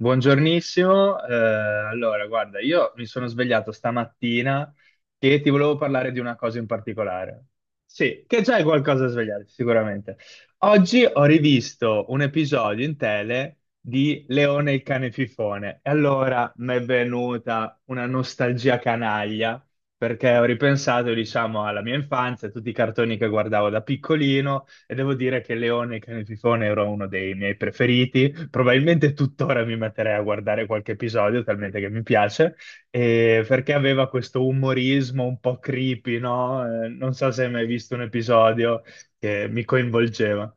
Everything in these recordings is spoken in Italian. Buongiornissimo, allora guarda, io mi sono svegliato stamattina e ti volevo parlare di una cosa in particolare. Sì, che già è qualcosa da svegliarti, sicuramente. Oggi ho rivisto un episodio in tele di Leone il cane fifone e allora mi è venuta una nostalgia canaglia perché ho ripensato, diciamo, alla mia infanzia, a tutti i cartoni che guardavo da piccolino e devo dire che Leone e Cane Fifone era uno dei miei preferiti. Probabilmente tuttora mi metterei a guardare qualche episodio, talmente che mi piace, e perché aveva questo umorismo un po' creepy, no? Non so se hai mai visto un episodio che mi coinvolgeva.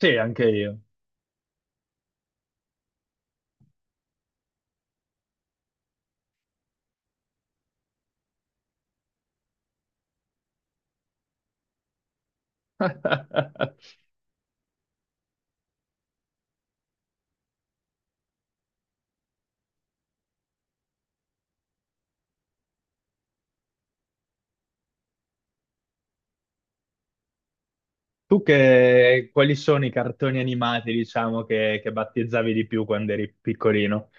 Sì, anche io. Tu che, quali sono i cartoni animati, diciamo, che battezzavi di più quando eri piccolino?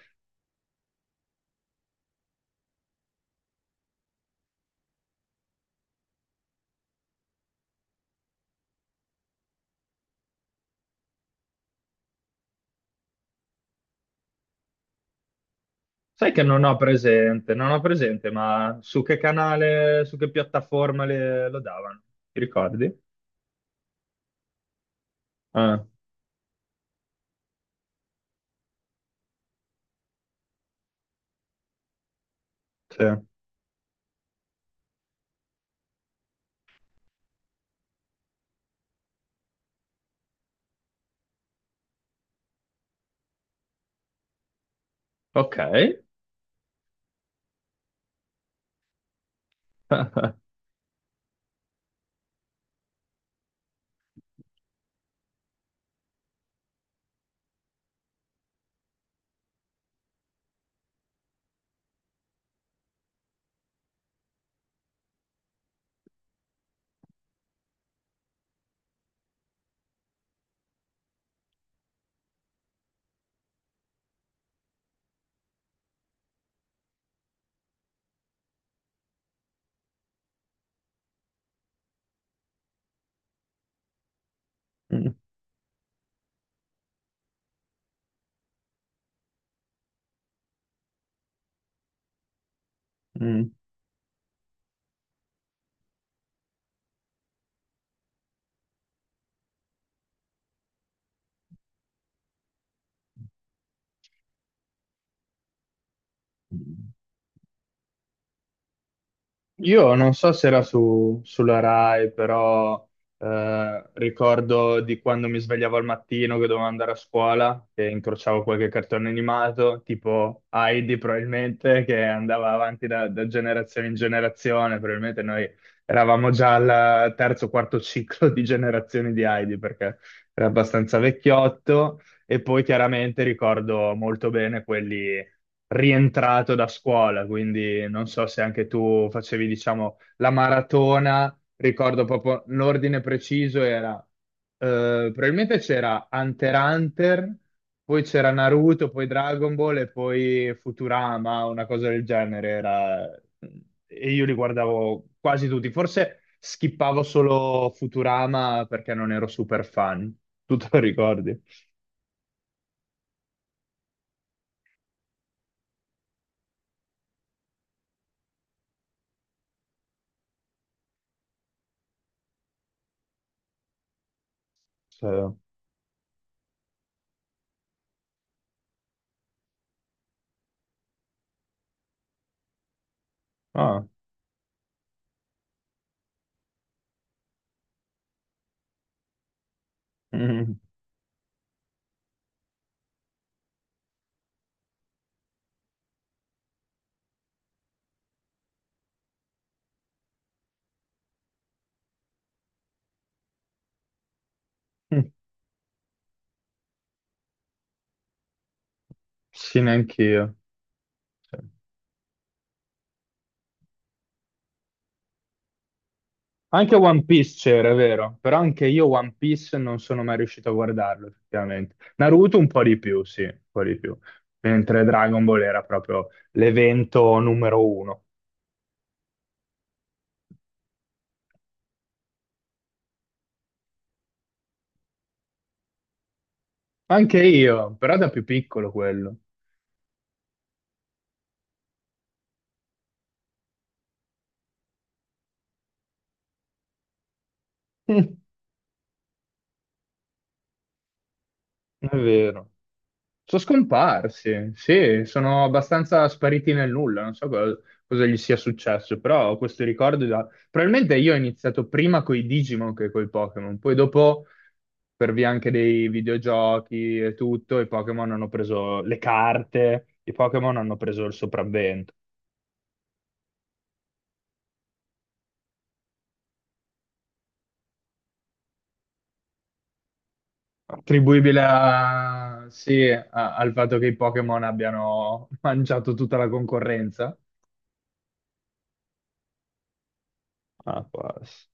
Sai che non ho presente, non ho presente, ma su che canale, su che piattaforma lo davano? Ti ricordi? Ah, sì. Ok. Mm, mm. Io non so se era su, sulla Rai, però ricordo di quando mi svegliavo al mattino che dovevo andare a scuola e incrociavo qualche cartone animato, tipo Heidi probabilmente, che andava avanti da generazione in generazione. Probabilmente noi eravamo già al terzo o quarto ciclo di generazioni di Heidi, perché era abbastanza vecchiotto. E poi chiaramente ricordo molto bene quelli rientrato da scuola, quindi non so se anche tu facevi, diciamo, la maratona, ricordo proprio l'ordine preciso era, probabilmente c'era Hunter x Hunter, poi c'era Naruto, poi Dragon Ball e poi Futurama, una cosa del genere era... E io li guardavo quasi tutti, forse skippavo solo Futurama perché non ero super fan. Tu te lo ricordi? Sì. Ah. Mm. Sì, neanch'io. Sì. Anche One Piece c'era, è vero, però anche io One Piece non sono mai riuscito a guardarlo, effettivamente. Naruto un po' di più, sì, un po' di più. Mentre Dragon Ball era proprio l'evento numero uno. Anche io, però da più piccolo quello. È vero. Sono scomparsi, sì, sono abbastanza spariti nel nulla, non so cosa, gli sia successo, però ho questo ricordo da... Probabilmente io ho iniziato prima coi Digimon che coi Pokémon, poi dopo per via anche dei videogiochi e tutto, i Pokémon hanno preso le carte, i Pokémon hanno preso il sopravvento. Attribuibile sì, al fatto che i Pokémon abbiano mangiato tutta la concorrenza? Ah, può essere.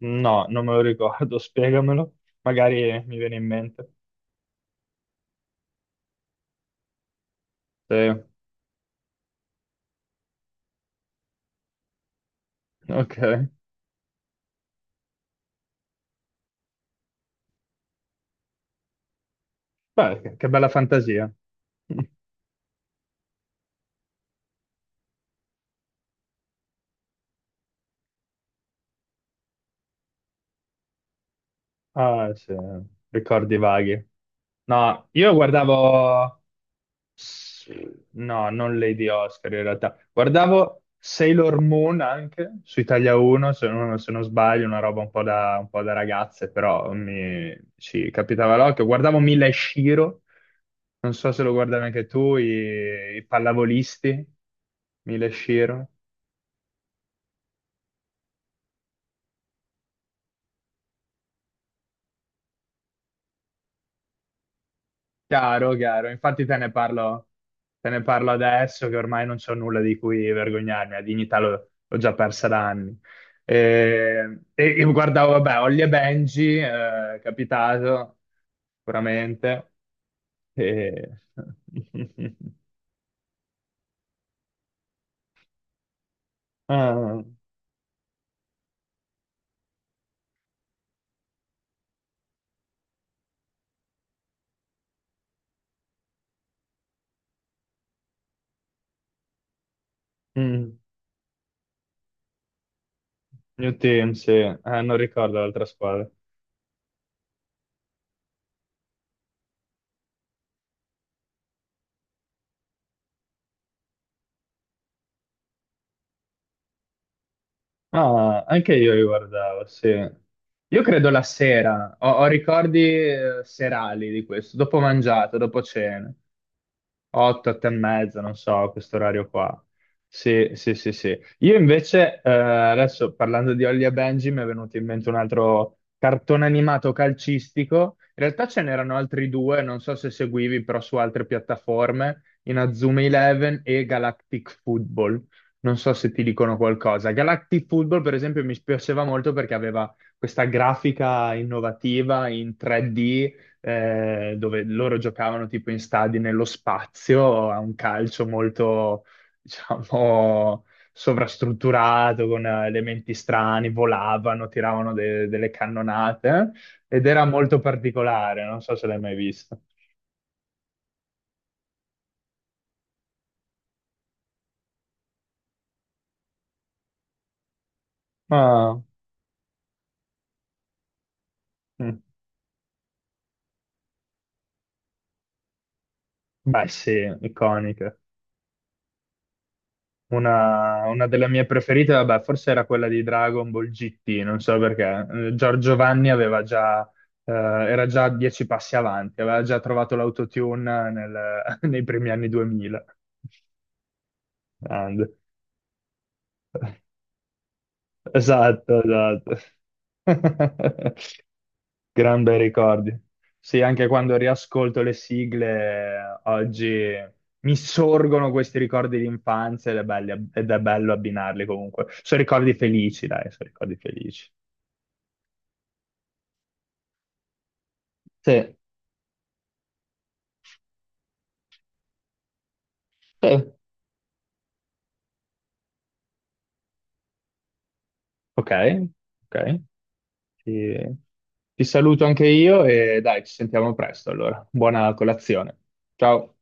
No, non me lo ricordo, spiegamelo. Magari mi viene in mente. Sì, ok. Beh, che bella fantasia. Ah, sì, ricordi vaghi. No, io guardavo. Sì. No, non Lady Oscar in realtà. Guardavo Sailor Moon anche su Italia 1, se non sbaglio, una roba un po' da ragazze, però mi ci capitava l'occhio. Guardavo Mila e Shiro, non so se lo guardavi anche tu, i pallavolisti, Mila e Shiro. Chiaro, chiaro. Infatti te ne parlo adesso che ormai non c'ho nulla di cui vergognarmi, la dignità l'ho già persa da anni. E guardavo, vabbè, Holly e Benji, capitato, sicuramente. E... Ah, mm, New Team, sì. Ah, non ricordo l'altra squadra. Ah, anche io li guardavo, sì. Io credo la sera, ho ricordi serali di questo, dopo mangiato, dopo cena. 8, 8 e mezza, non so, questo orario qua. Sì. Io invece, adesso parlando di Holly e Benji, mi è venuto in mente un altro cartone animato calcistico. In realtà ce n'erano altri due, non so se seguivi, però su altre piattaforme, Inazuma Eleven e Galactic Football. Non so se ti dicono qualcosa. Galactic Football, per esempio, mi piaceva molto perché aveva questa grafica innovativa in 3D dove loro giocavano tipo in stadi nello spazio, a un calcio molto, diciamo, sovrastrutturato, con elementi strani, volavano, tiravano delle cannonate ed era molto particolare, non so se l'hai mai visto. Ma, mm, beh, sì, iconiche. Una delle mie preferite, vabbè, forse era quella di Dragon Ball GT, non so perché. Giorgio Vanni aveva già, era già 10 passi avanti, aveva già trovato l'autotune nel- nei primi anni 2000. Grande. Esatto, esatto. Gran bei ricordi. Sì, anche quando riascolto le sigle oggi mi sorgono questi ricordi di infanzia ed è ed è bello abbinarli comunque. Sono ricordi felici, dai, sono ricordi felici. Sì, sì. Ok, ok. Ti, ti saluto anche io e dai, ci sentiamo presto allora. Buona colazione. Ciao.